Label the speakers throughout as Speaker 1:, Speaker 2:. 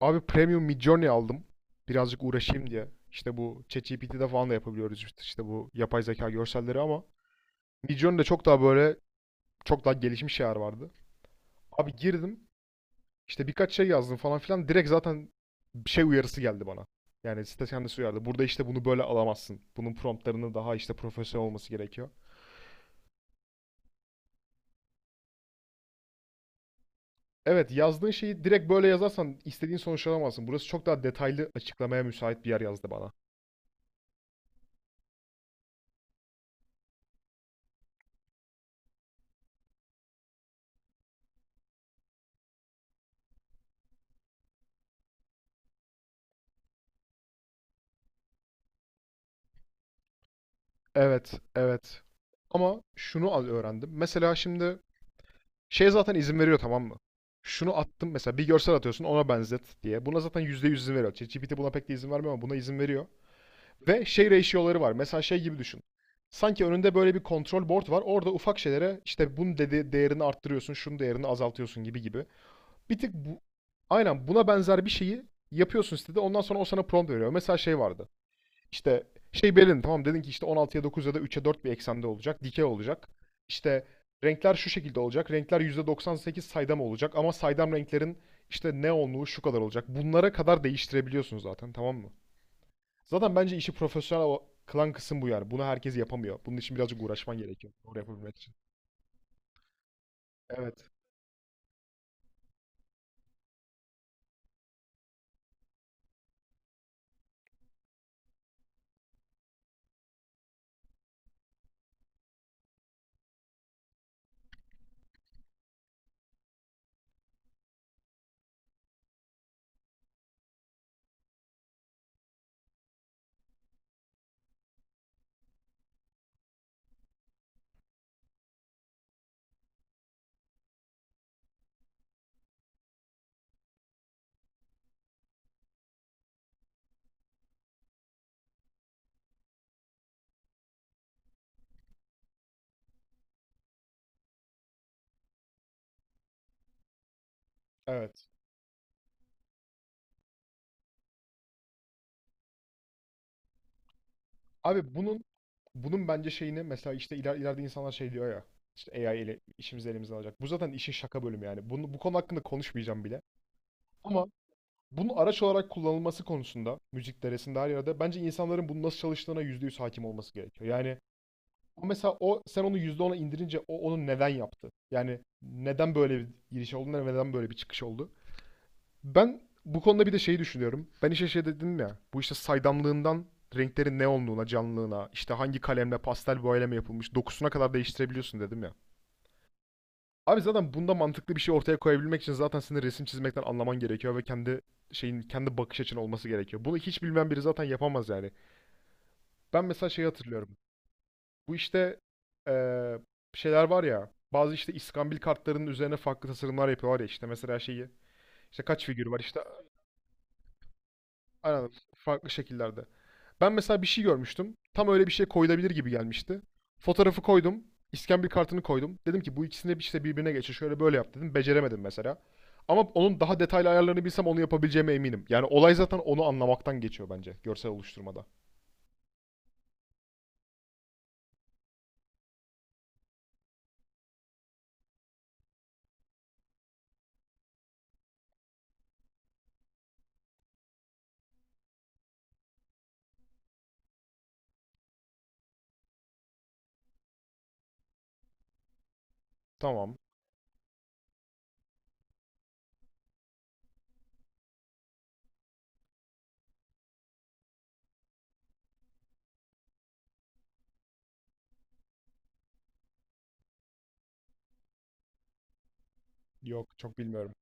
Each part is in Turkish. Speaker 1: Abi Premium Midjourney aldım. Birazcık uğraşayım diye. İşte bu ChatGPT'de falan da yapabiliyoruz işte bu yapay zeka görselleri ama Midjourney'de çok daha böyle çok daha gelişmiş şeyler vardı. Abi girdim işte birkaç şey yazdım falan filan direkt zaten bir şey uyarısı geldi bana. Yani site kendisi uyardı. Burada işte bunu böyle alamazsın. Bunun promptlarını daha işte profesyonel olması gerekiyor. Evet, yazdığın şeyi direkt böyle yazarsan istediğin sonuç alamazsın. Burası çok daha detaylı açıklamaya müsait bir yer yazdı bana. Evet, evet. Ama şunu al öğrendim. Mesela şimdi şey zaten izin veriyor, tamam mı? Şunu attım mesela, bir görsel atıyorsun ona benzet diye. Buna zaten %100 izin veriyor. ChatGPT buna pek de izin vermiyor ama buna izin veriyor. Ve şey ratio'ları var. Mesela şey gibi düşün. Sanki önünde böyle bir kontrol board var. Orada ufak şeylere işte bunun dedi değerini arttırıyorsun, şunun değerini azaltıyorsun gibi gibi. Bir tık bu aynen buna benzer bir şeyi yapıyorsun sitede. Ondan sonra o sana prompt veriyor. Mesela şey vardı. İşte şey belirledin, tamam dedin ki işte 16'ya 9 ya da 3'e 4 bir eksende olacak. Dikey olacak. İşte renkler şu şekilde olacak. Renkler %98 saydam olacak ama saydam renklerin işte neonluğu şu kadar olacak. Bunlara kadar değiştirebiliyorsun zaten, tamam mı? Zaten bence işi profesyonel kılan kısım bu yani. Bunu herkes yapamıyor. Bunun için birazcık uğraşman gerekiyor. Doğru yapabilmek için. Evet. Evet. Abi bunun bence şeyini mesela işte ileride insanlar şey diyor ya, işte AI ile işimizi elimizden alacak. Bu zaten işin şaka bölümü yani. Bu konu hakkında konuşmayacağım bile. Ama bunun araç olarak kullanılması konusunda müzik deresinde her yerde bence insanların bunun nasıl çalıştığına %100 hakim olması gerekiyor. Yani mesela o, sen onu yüzde ona indirince o onu neden yaptı? Yani neden böyle bir giriş oldu, neden böyle bir çıkış oldu? Ben bu konuda bir de şeyi düşünüyorum. Ben işe şey dedim ya, bu işte saydamlığından renklerin neonluğuna, canlılığına, işte hangi kalemle pastel boyayla mı yapılmış, dokusuna kadar değiştirebiliyorsun dedim ya. Abi zaten bunda mantıklı bir şey ortaya koyabilmek için zaten senin resim çizmekten anlaman gerekiyor ve kendi şeyin, kendi bakış açın olması gerekiyor. Bunu hiç bilmeyen biri zaten yapamaz yani. Ben mesela şeyi hatırlıyorum. Bu işte eee, şeyler var ya. Bazı işte iskambil kartlarının üzerine farklı tasarımlar yapıyorlar ya, işte mesela şeyi. İşte kaç figür var işte, aynen, farklı şekillerde. Ben mesela bir şey görmüştüm. Tam öyle bir şey koyulabilir gibi gelmişti. Fotoğrafı koydum. İskambil kartını koydum. Dedim ki bu ikisini de işte birbirine geçir. Şöyle böyle yap dedim. Beceremedim mesela. Ama onun daha detaylı ayarlarını bilsem onu yapabileceğime eminim. Yani olay zaten onu anlamaktan geçiyor bence görsel oluşturmada. Tamam. Yok, çok bilmiyorum.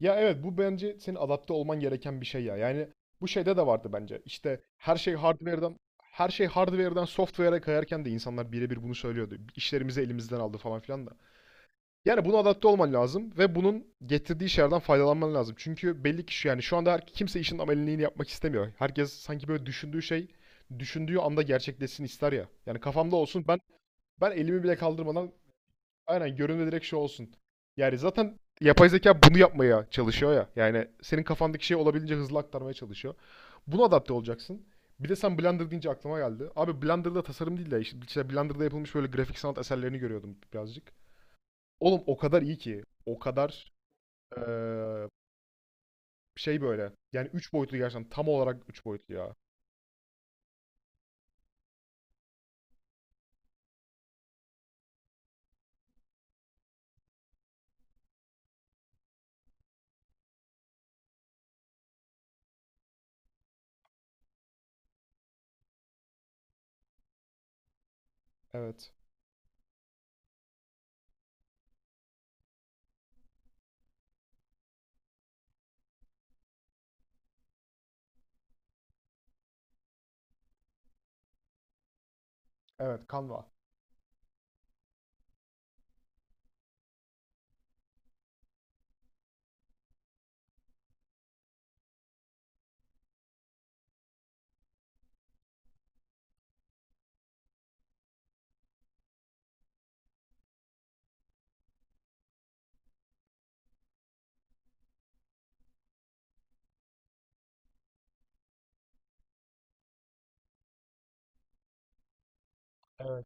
Speaker 1: Ya evet, bu bence senin adapte olman gereken bir şey ya. Yani bu şeyde de vardı bence. İşte her şey hardware'dan software'a kayarken de insanlar birebir bunu söylüyordu. İşlerimizi elimizden aldı falan filan da. Yani buna adapte olman lazım ve bunun getirdiği şeylerden faydalanman lazım. Çünkü belli ki şu, yani şu anda kimse işin ameliyini yapmak istemiyor. Herkes sanki böyle düşündüğü anda gerçekleşsin ister ya. Yani kafamda olsun, ben elimi bile kaldırmadan aynen görünme, direkt şu olsun. Yani zaten yapay zeka bunu yapmaya çalışıyor ya. Yani senin kafandaki şeyi olabildiğince hızlı aktarmaya çalışıyor. Buna adapte olacaksın. Bir de sen Blender deyince aklıma geldi. Abi Blender'da tasarım değil de işte Blender'da yapılmış böyle grafik sanat eserlerini görüyordum birazcık. Oğlum o kadar iyi ki. O kadar eee, şey böyle. Yani 3 boyutlu gerçekten. Tam olarak 3 boyutlu ya. Evet. Evet, Canva. Evet.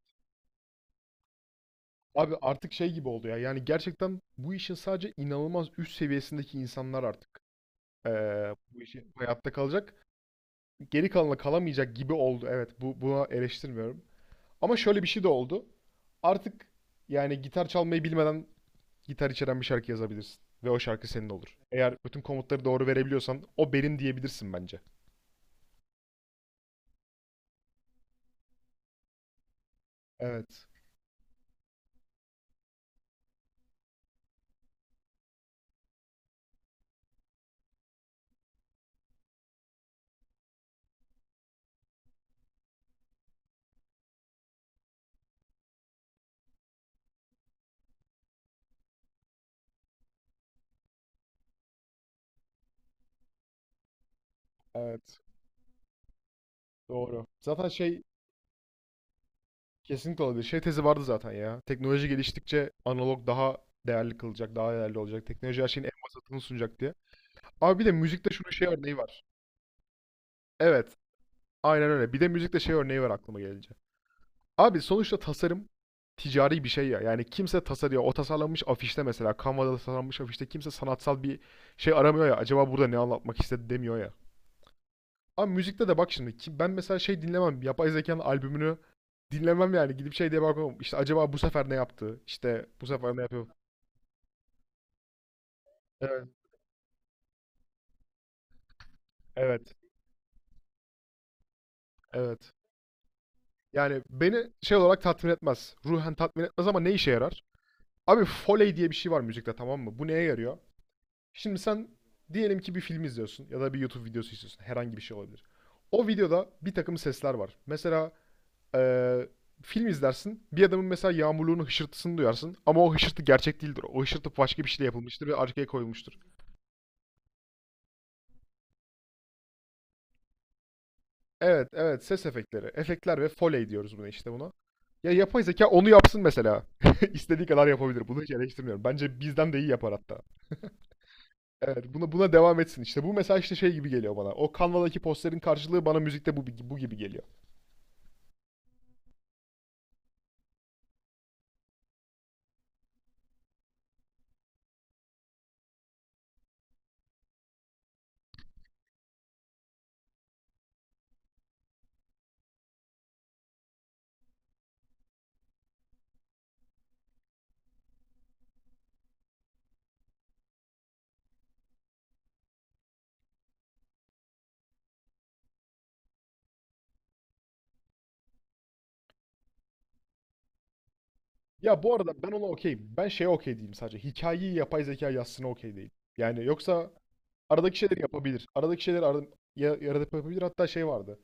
Speaker 1: Abi artık şey gibi oldu ya. Yani gerçekten bu işin sadece inanılmaz üst seviyesindeki insanlar artık bu işi hayatta kalacak. Geri kalanla kalamayacak gibi oldu. Evet, bu, buna eleştirmiyorum. Ama şöyle bir şey de oldu. Artık yani gitar çalmayı bilmeden gitar içeren bir şarkı yazabilirsin. Ve o şarkı senin olur. Eğer bütün komutları doğru verebiliyorsan o benim diyebilirsin bence. Evet. Evet. Doğru. Zaten şey kesinlikle olabilir. Şey tezi vardı zaten ya. Teknoloji geliştikçe analog daha değerli kılacak, daha değerli olacak. Teknoloji her şeyin en basitini sunacak diye. Abi bir de müzikte şunun şey örneği var. Evet. Aynen öyle. Bir de müzikte şey örneği var aklıma gelince. Abi sonuçta tasarım ticari bir şey ya. Yani kimse tasarıyor. O tasarlanmış afişte mesela. Canva'da tasarlanmış afişte kimse sanatsal bir şey aramıyor ya. Acaba burada ne anlatmak istedi demiyor ya. Ama müzikte de bak şimdi. Ben mesela şey dinlemem. Yapay zekanın albümünü dinlemem yani. Gidip şey diye bakmam. İşte acaba bu sefer ne yaptı? İşte bu sefer ne yapıyor? Evet, evet, evet. Yani beni şey olarak tatmin etmez. Ruhen tatmin etmez ama ne işe yarar? Abi Foley diye bir şey var müzikte, tamam mı? Bu neye yarıyor? Şimdi sen diyelim ki bir film izliyorsun ya da bir YouTube videosu izliyorsun. Herhangi bir şey olabilir. O videoda bir takım sesler var. Mesela eee, film izlersin. Bir adamın mesela yağmurluğunun hışırtısını duyarsın. Ama o hışırtı gerçek değildir. O hışırtı başka bir şeyle yapılmıştır ve arkaya koyulmuştur. Evet, evet. Ses efektleri. Efektler ve Foley diyoruz buna, işte buna. Ya yapay zeka onu yapsın mesela. İstediği kadar yapabilir. Bunu hiç eleştirmiyorum. Bence bizden de iyi yapar hatta. Evet, buna devam etsin. İşte bu mesela işte şey gibi geliyor bana. O Canva'daki posterin karşılığı bana müzikte bu gibi geliyor. Ya bu arada ben ona okeyim. Ben şeye okey değilim sadece. Hikayeyi yapay zeka yazsına okey değil. Yani yoksa aradaki şeyleri yapabilir. Ya, yaradip yapabilir. Hatta şey vardı.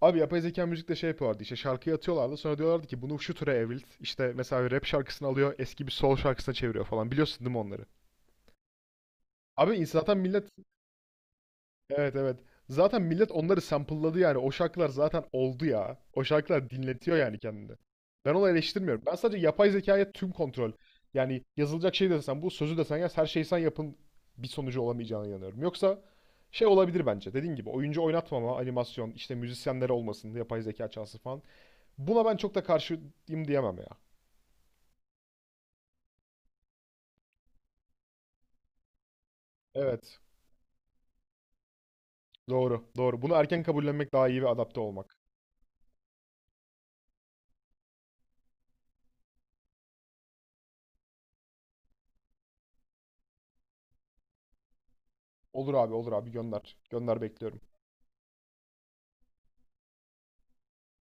Speaker 1: Abi yapay zeka müzikte şey yapıyorlardı, işte şarkıyı atıyorlardı sonra diyorlardı ki bunu şu türe evrilt. İşte mesela bir rap şarkısını alıyor, eski bir soul şarkısına çeviriyor falan, biliyorsun değil mi onları? Abi insan- zaten millet evet, evet, zaten millet onları sample'ladı yani, o şarkılar zaten oldu ya. O şarkılar dinletiyor yani kendini. Ben onu eleştirmiyorum. Ben sadece yapay zekaya tüm kontrol, yani yazılacak şey desen, bu sözü desen yaz, her şeyi sen yapın bir sonucu olamayacağına inanıyorum. Yoksa şey olabilir bence, dediğim gibi oyuncu oynatmama, animasyon, işte müzisyenler olmasın yapay zeka çalsın falan. Buna ben çok da karşıyım diyemem ya. Evet. Doğru. Doğru. Bunu erken kabullenmek daha iyi ve adapte olmak. Olur abi, olur abi. Gönder. Gönder bekliyorum.